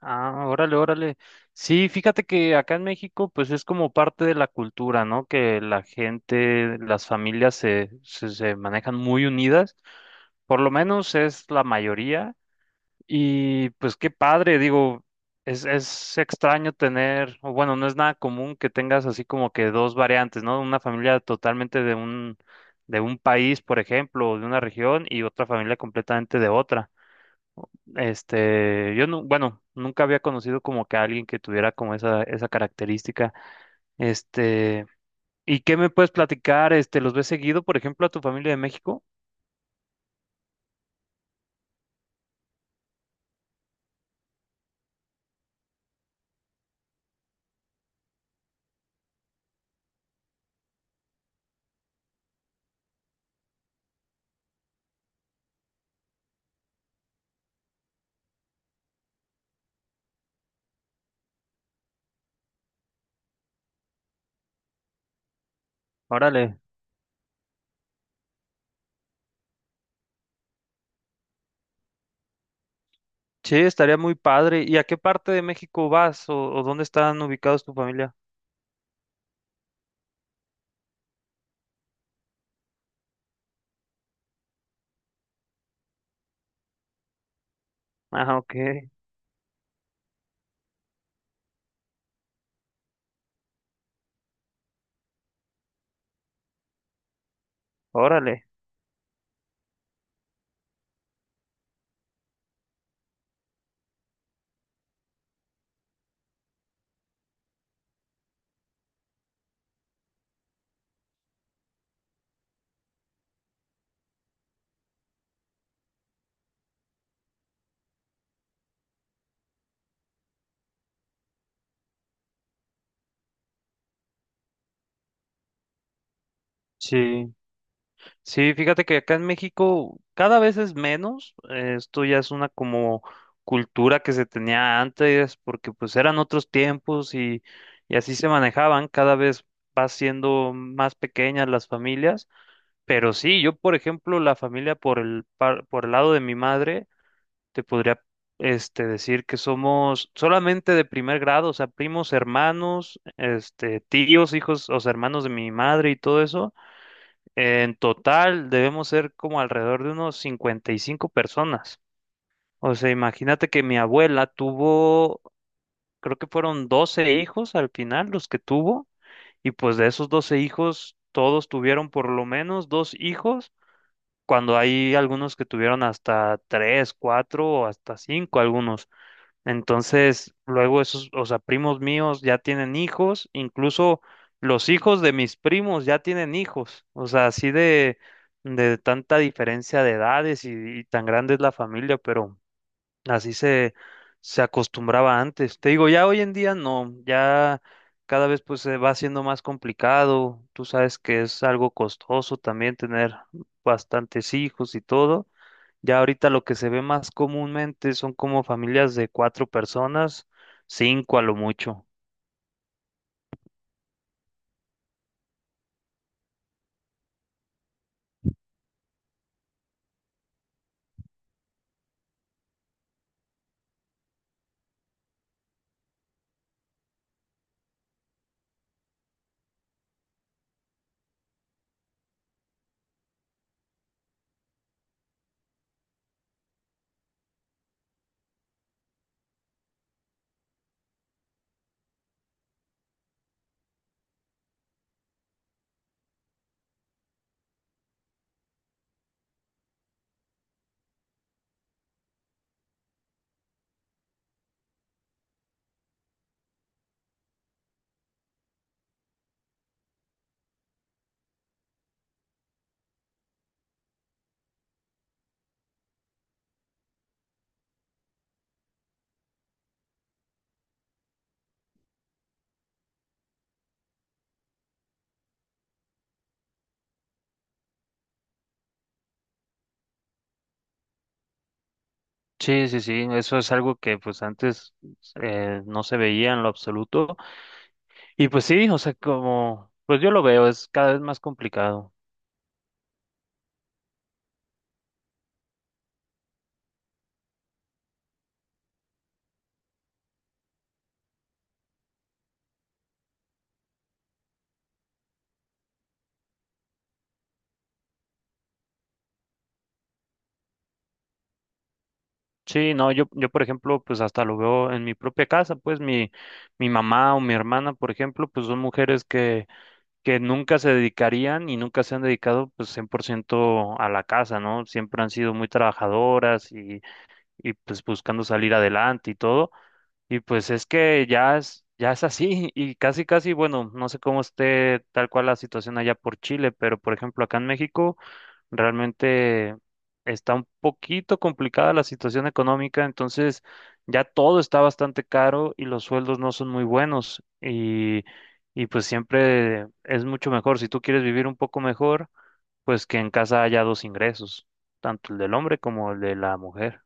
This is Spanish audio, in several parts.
Ah, órale, órale. Sí, fíjate que acá en México, pues es como parte de la cultura, ¿no? Que la gente, las familias se manejan muy unidas, por lo menos es la mayoría. Y pues qué padre, digo, es extraño tener, o bueno, no es nada común que tengas así como que dos variantes, ¿no? Una familia totalmente de un, país, por ejemplo, o de una región, y otra familia completamente de otra. Este, yo no, bueno, nunca había conocido como que a alguien que tuviera como esa característica. Este, ¿y qué me puedes platicar? Este, ¿los ves seguido, por ejemplo, a tu familia de México? Órale. Sí, estaría muy padre. ¿Y a qué parte de México vas o dónde están ubicados tu familia? Ah, ok. Órale. Sí. Sí, fíjate que acá en México cada vez es menos. Esto ya es una como cultura que se tenía antes, porque pues eran otros tiempos y así se manejaban. Cada vez va siendo más pequeñas las familias. Pero sí, yo por ejemplo, la familia por el lado de mi madre, te podría decir que somos solamente de primer grado, o sea, primos, hermanos, este, tíos, hijos, o sea, hermanos de mi madre y todo eso en total debemos ser como alrededor de unos 55 personas. O sea, imagínate que mi abuela tuvo, creo que fueron 12 hijos al final los que tuvo, y pues de esos 12 hijos, todos tuvieron por lo menos dos hijos, cuando hay algunos que tuvieron hasta tres, cuatro o hasta cinco algunos. Entonces, luego esos, o sea, primos míos ya tienen hijos, incluso los hijos de mis primos ya tienen hijos, o sea, así de tanta diferencia de edades y tan grande es la familia, pero así se acostumbraba antes. Te digo, ya hoy en día no, ya cada vez pues se va haciendo más complicado, tú sabes que es algo costoso también tener bastantes hijos y todo. Ya ahorita lo que se ve más comúnmente son como familias de cuatro personas, cinco a lo mucho. Sí, sí, sí, eso es algo que pues antes no se veía en lo absoluto. Y pues sí, o sea, como, pues yo lo veo, es cada vez más complicado. Sí, no, yo por ejemplo, pues hasta lo veo en mi propia casa, pues mi, mamá o mi hermana, por ejemplo, pues son mujeres que nunca se dedicarían y nunca se han dedicado pues 100% a la casa, ¿no? Siempre han sido muy trabajadoras y pues buscando salir adelante y todo. Y pues es que ya es así y casi, casi, bueno, no sé cómo esté tal cual la situación allá por Chile, pero por ejemplo acá en México realmente está un poquito complicada la situación económica, entonces ya todo está bastante caro y los sueldos no son muy buenos y pues siempre es mucho mejor, si tú quieres vivir un poco mejor, pues que en casa haya dos ingresos, tanto el del hombre como el de la mujer.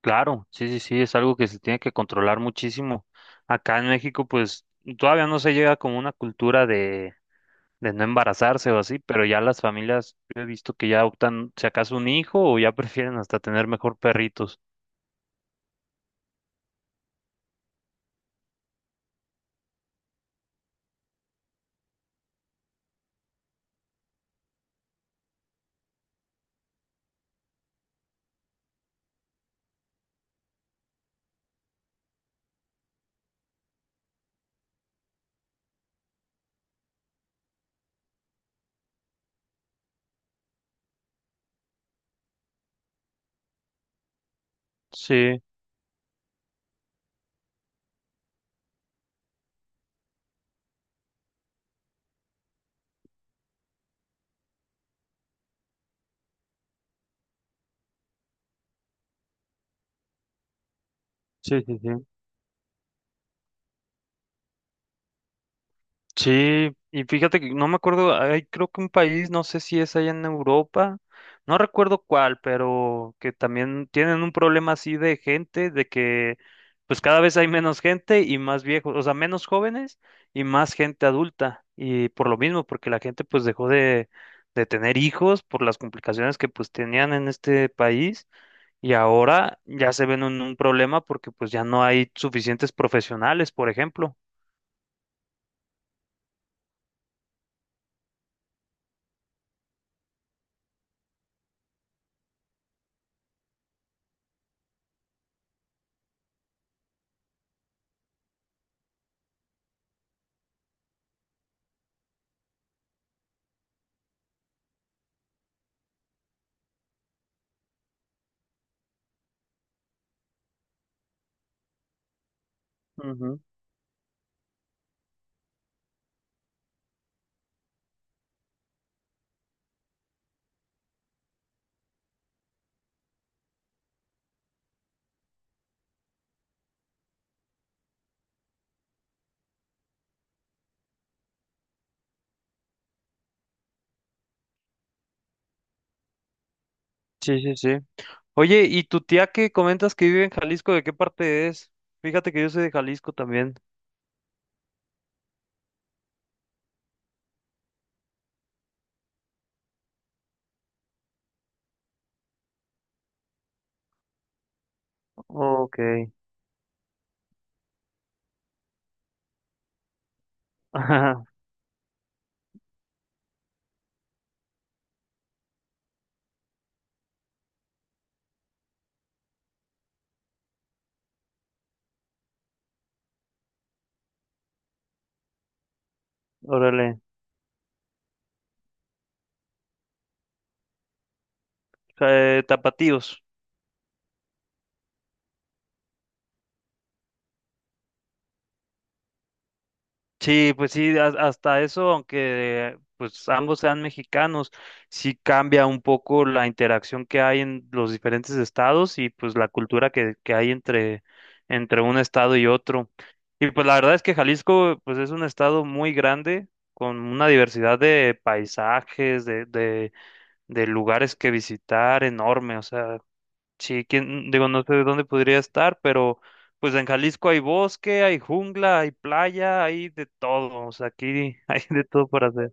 Claro, sí, sí, sí, es algo que se tiene que controlar muchísimo. Acá en México, pues todavía no se llega como una cultura de, no embarazarse o así, pero ya las familias, yo he visto que ya optan, si acaso un hijo, o ya prefieren hasta tener mejor perritos. Sí, sí, sí, sí. Sí, y fíjate que no me acuerdo, hay creo que un país, no sé si es allá en Europa, no recuerdo cuál, pero que también tienen un problema así de gente, de que pues cada vez hay menos gente y más viejos, o sea, menos jóvenes y más gente adulta, y por lo mismo, porque la gente pues dejó de tener hijos por las complicaciones que pues tenían en este país y ahora ya se ven en un problema porque pues ya no hay suficientes profesionales, por ejemplo. Ujú. Sí, sí, sí. Oye, ¿y tu tía que comentas que vive en Jalisco, de qué parte es? Fíjate que yo soy de Jalisco también. Ok. Ajá, órale. Tapatíos. Sí, pues sí, hasta eso, aunque pues ambos sean mexicanos, sí cambia un poco la interacción que hay en los diferentes estados y pues la cultura que hay entre, entre un estado y otro. Y pues la verdad es que Jalisco pues es un estado muy grande, con una diversidad de paisajes, de lugares que visitar enorme, o sea, sí, quién, digo, no sé dónde podría estar, pero pues en Jalisco hay bosque, hay jungla, hay playa, hay de todo, o sea, aquí hay de todo para hacer.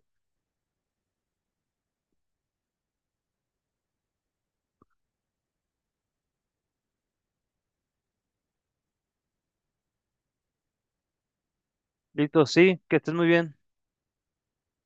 Listo, sí, que estés muy bien.